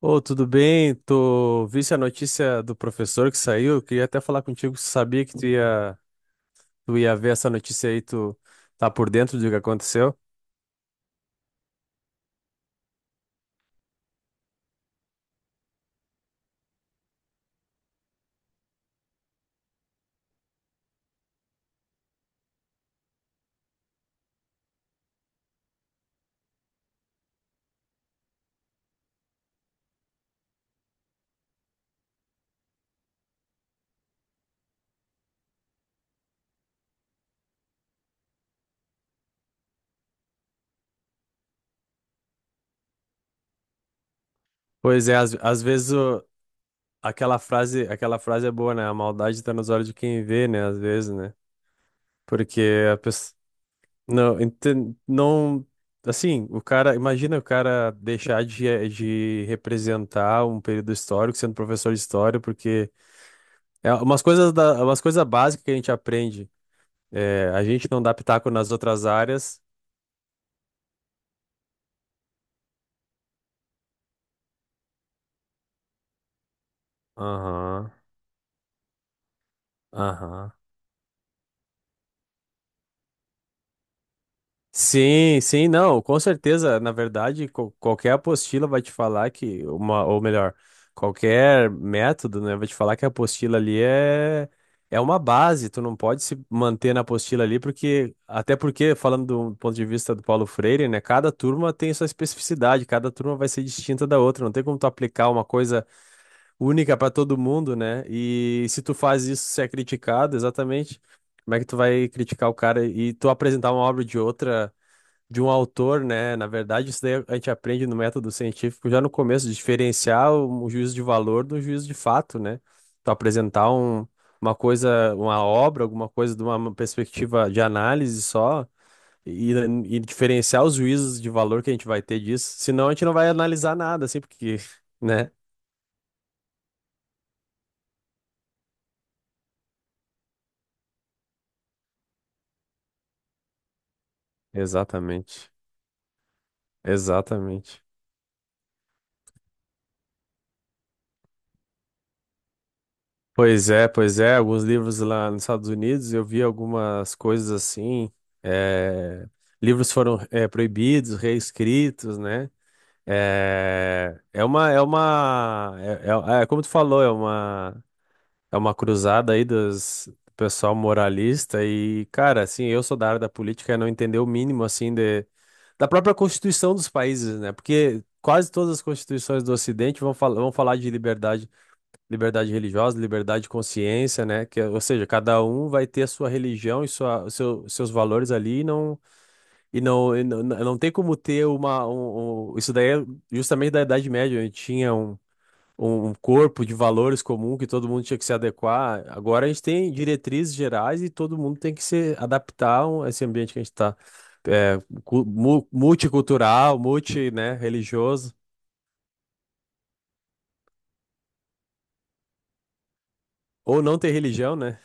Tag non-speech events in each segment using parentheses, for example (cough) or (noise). Ô, tudo bem? Tô... Visse a notícia do professor que saiu. Eu queria até falar contigo. Sabia que tu ia ver essa notícia aí. Tu tá por dentro do que aconteceu? Pois é, às vezes aquela frase é boa, né? A maldade tá nos olhos de quem vê, né? Às vezes, né? Porque a pe- Não, enten- não, assim, o cara, imagina o cara deixar de representar um período histórico sendo professor de história, porque é umas coisas da, umas coisas básicas que a gente aprende. É, a gente não dá pitaco nas outras áreas. Aham, aham. Sim, sim, não, com certeza. Na verdade, qualquer apostila vai te falar que uma, ou melhor, qualquer método, né, vai te falar que a apostila ali é uma base. Tu não pode se manter na apostila ali porque até porque falando do ponto de vista do Paulo Freire, né, cada turma tem sua especificidade, cada turma vai ser distinta da outra. Não tem como tu aplicar uma coisa única para todo mundo, né? E se tu faz isso, você é criticado, exatamente. Como é que tu vai criticar o cara e tu apresentar uma obra de outra? De um autor, né? Na verdade, isso daí a gente aprende no método científico já no começo, diferenciar o juízo de valor do juízo de fato, né? Tu apresentar um, uma coisa, uma obra, alguma coisa de uma perspectiva de análise só e, e diferenciar os juízos de valor que a gente vai ter disso, senão a gente não vai analisar nada, assim, porque, (laughs) né? Exatamente. Exatamente. Pois é, pois é. Alguns livros lá nos Estados Unidos, eu vi algumas coisas assim. eh, Livros foram proibidos, reescritos, né? É uma, é como tu falou, é uma cruzada aí dos do pessoal moralista e, cara, assim, eu sou da área da política e não entender o mínimo, assim, de, da própria Constituição dos países, né? Porque quase todas as constituições do Ocidente vão, fal vão falar de liberdade. Liberdade religiosa, liberdade de consciência, né? Que, ou seja, cada um vai ter a sua religião e sua, o seu, seus valores ali e não, não tem como ter uma. Isso daí é justamente da Idade Média, onde tinha um, um um corpo de valores comum que todo mundo tinha que se adequar. Agora a gente tem diretrizes gerais e todo mundo tem que se adaptar a esse ambiente que a gente está. É, multicultural, multi, né, religioso. Ou não ter religião, né?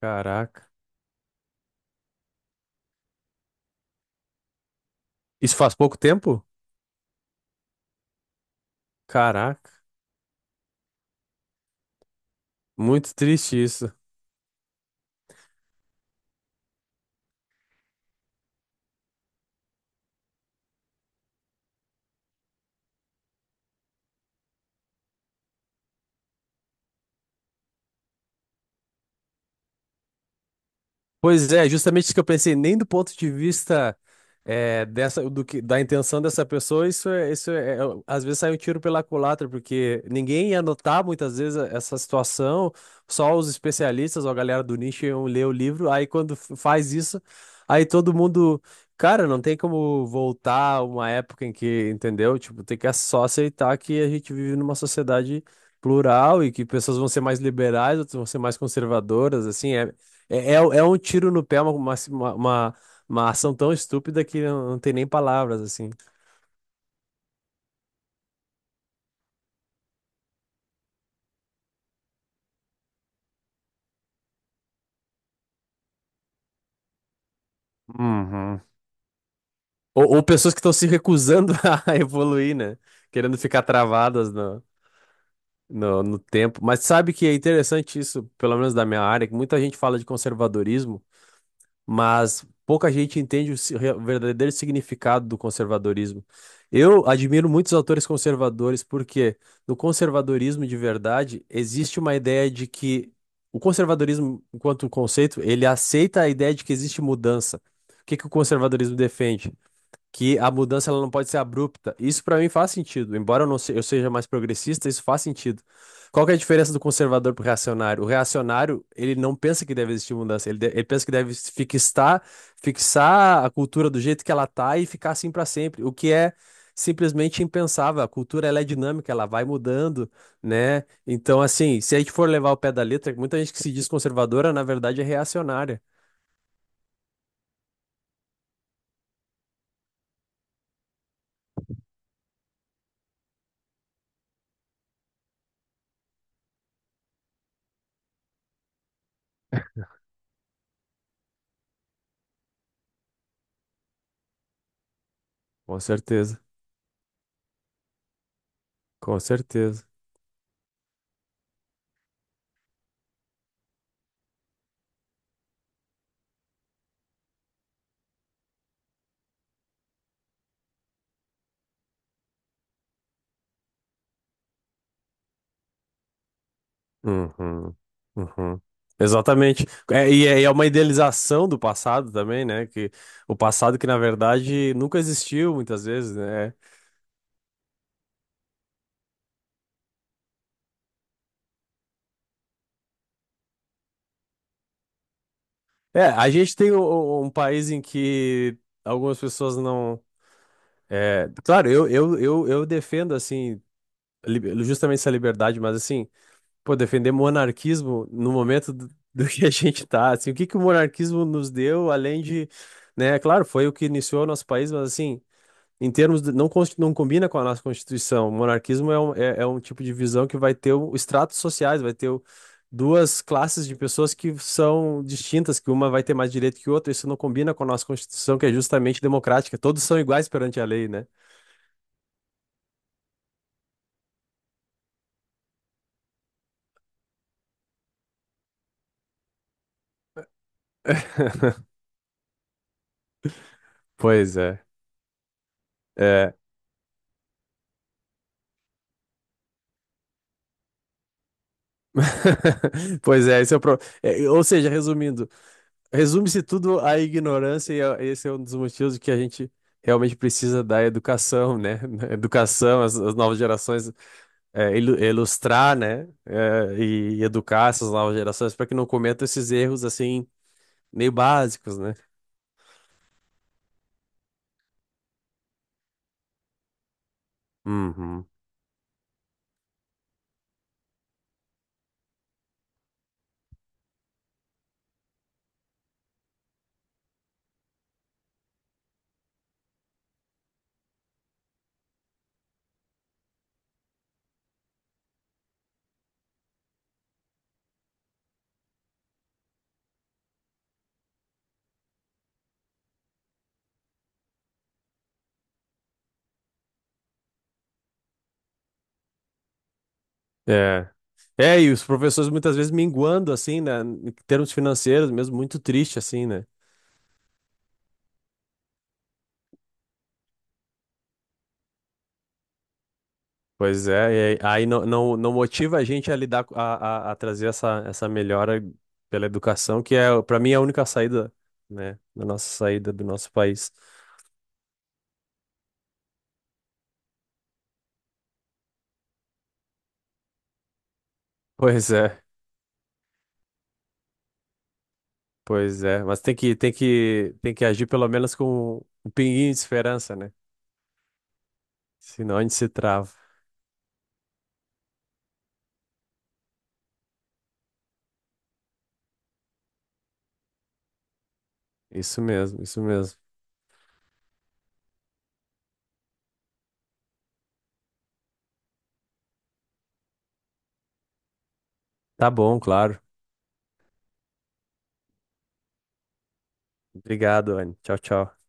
Caraca. Isso faz pouco tempo? Caraca, muito triste isso. Pois é, justamente isso que eu pensei, nem do ponto de vista dessa, do que, da intenção dessa pessoa, isso é, às vezes sai um tiro pela culatra, porque ninguém ia notar muitas vezes essa situação, só os especialistas ou a galera do nicho iam ler o livro, aí quando faz isso, aí todo mundo, cara, não tem como voltar a uma época em que, entendeu? Tipo, tem que só aceitar que a gente vive numa sociedade plural e que pessoas vão ser mais liberais, outras vão ser mais conservadoras, assim, é, é um tiro no pé, uma, uma, uma, uma ação tão estúpida que não, não tem nem palavras, assim. Uhum. Ou pessoas que estão se recusando (laughs) a evoluir, né? Querendo ficar travadas no, no tempo. Mas sabe que é interessante isso, pelo menos da minha área, que muita gente fala de conservadorismo, mas pouca gente entende o verdadeiro significado do conservadorismo. Eu admiro muitos autores conservadores porque no conservadorismo de verdade existe uma ideia de que o conservadorismo, enquanto conceito, ele aceita a ideia de que existe mudança. O que que o conservadorismo defende? Que a mudança ela não pode ser abrupta. Isso para mim faz sentido, embora eu não se- eu seja mais progressista, isso faz sentido. Qual que é a diferença do conservador pro reacionário? O reacionário, ele não pensa que deve existir mudança, ele, ele pensa que deve fixar, fixar a cultura do jeito que ela tá e ficar assim para sempre, o que é simplesmente impensável. A cultura ela é dinâmica, ela vai mudando, né? Então, assim, se a gente for levar o pé da letra, muita gente que se diz conservadora, na verdade é reacionária. Com certeza, com certeza. Uhum, uhum. Exatamente. É, e é, e é uma idealização do passado também, né? Que o passado que, na verdade, nunca existiu muitas vezes, né? É, é, a gente tem um, um um país em que algumas pessoas não. É, claro, eu defendo, assim, justamente essa liberdade, mas, assim, pô, defender monarquismo no momento do, (laughs) do que a gente tá, assim, o que que o monarquismo nos deu, além de, né? Claro, foi o que iniciou o nosso país, mas, assim, em termos de, não, não combina com a nossa Constituição. O monarquismo é um, é um tipo de visão que vai ter estratos sociais, vai ter duas classes de pessoas que são distintas, que uma vai ter mais direito que outra. Isso não combina com a nossa Constituição, que é justamente democrática. Todos são iguais perante a lei, né? (laughs) Pois é. É. (laughs) Pois é, esse é o pro... É, ou seja, resumindo, resume-se tudo à ignorância e esse é um dos motivos que a gente realmente precisa da educação, né? (laughs) Educação, as novas gerações é, ilustrar, né, é, e educar essas novas gerações para que não cometam esses erros assim meio básicos, né? Uhum. É. É, e os professores muitas vezes minguando assim, né, em termos financeiros mesmo, muito triste assim, né? Pois é, e aí aí não, não motiva a gente a lidar, a trazer essa, essa melhora pela educação, que é, para mim, é a única saída, né, da nossa saída do nosso país. Pois é. Pois é, mas tem que, tem que agir pelo menos com um pinguinho de esperança, né? Senão a gente se trava. Isso mesmo, isso mesmo. Tá bom, claro. Obrigado, Anne. Tchau, tchau.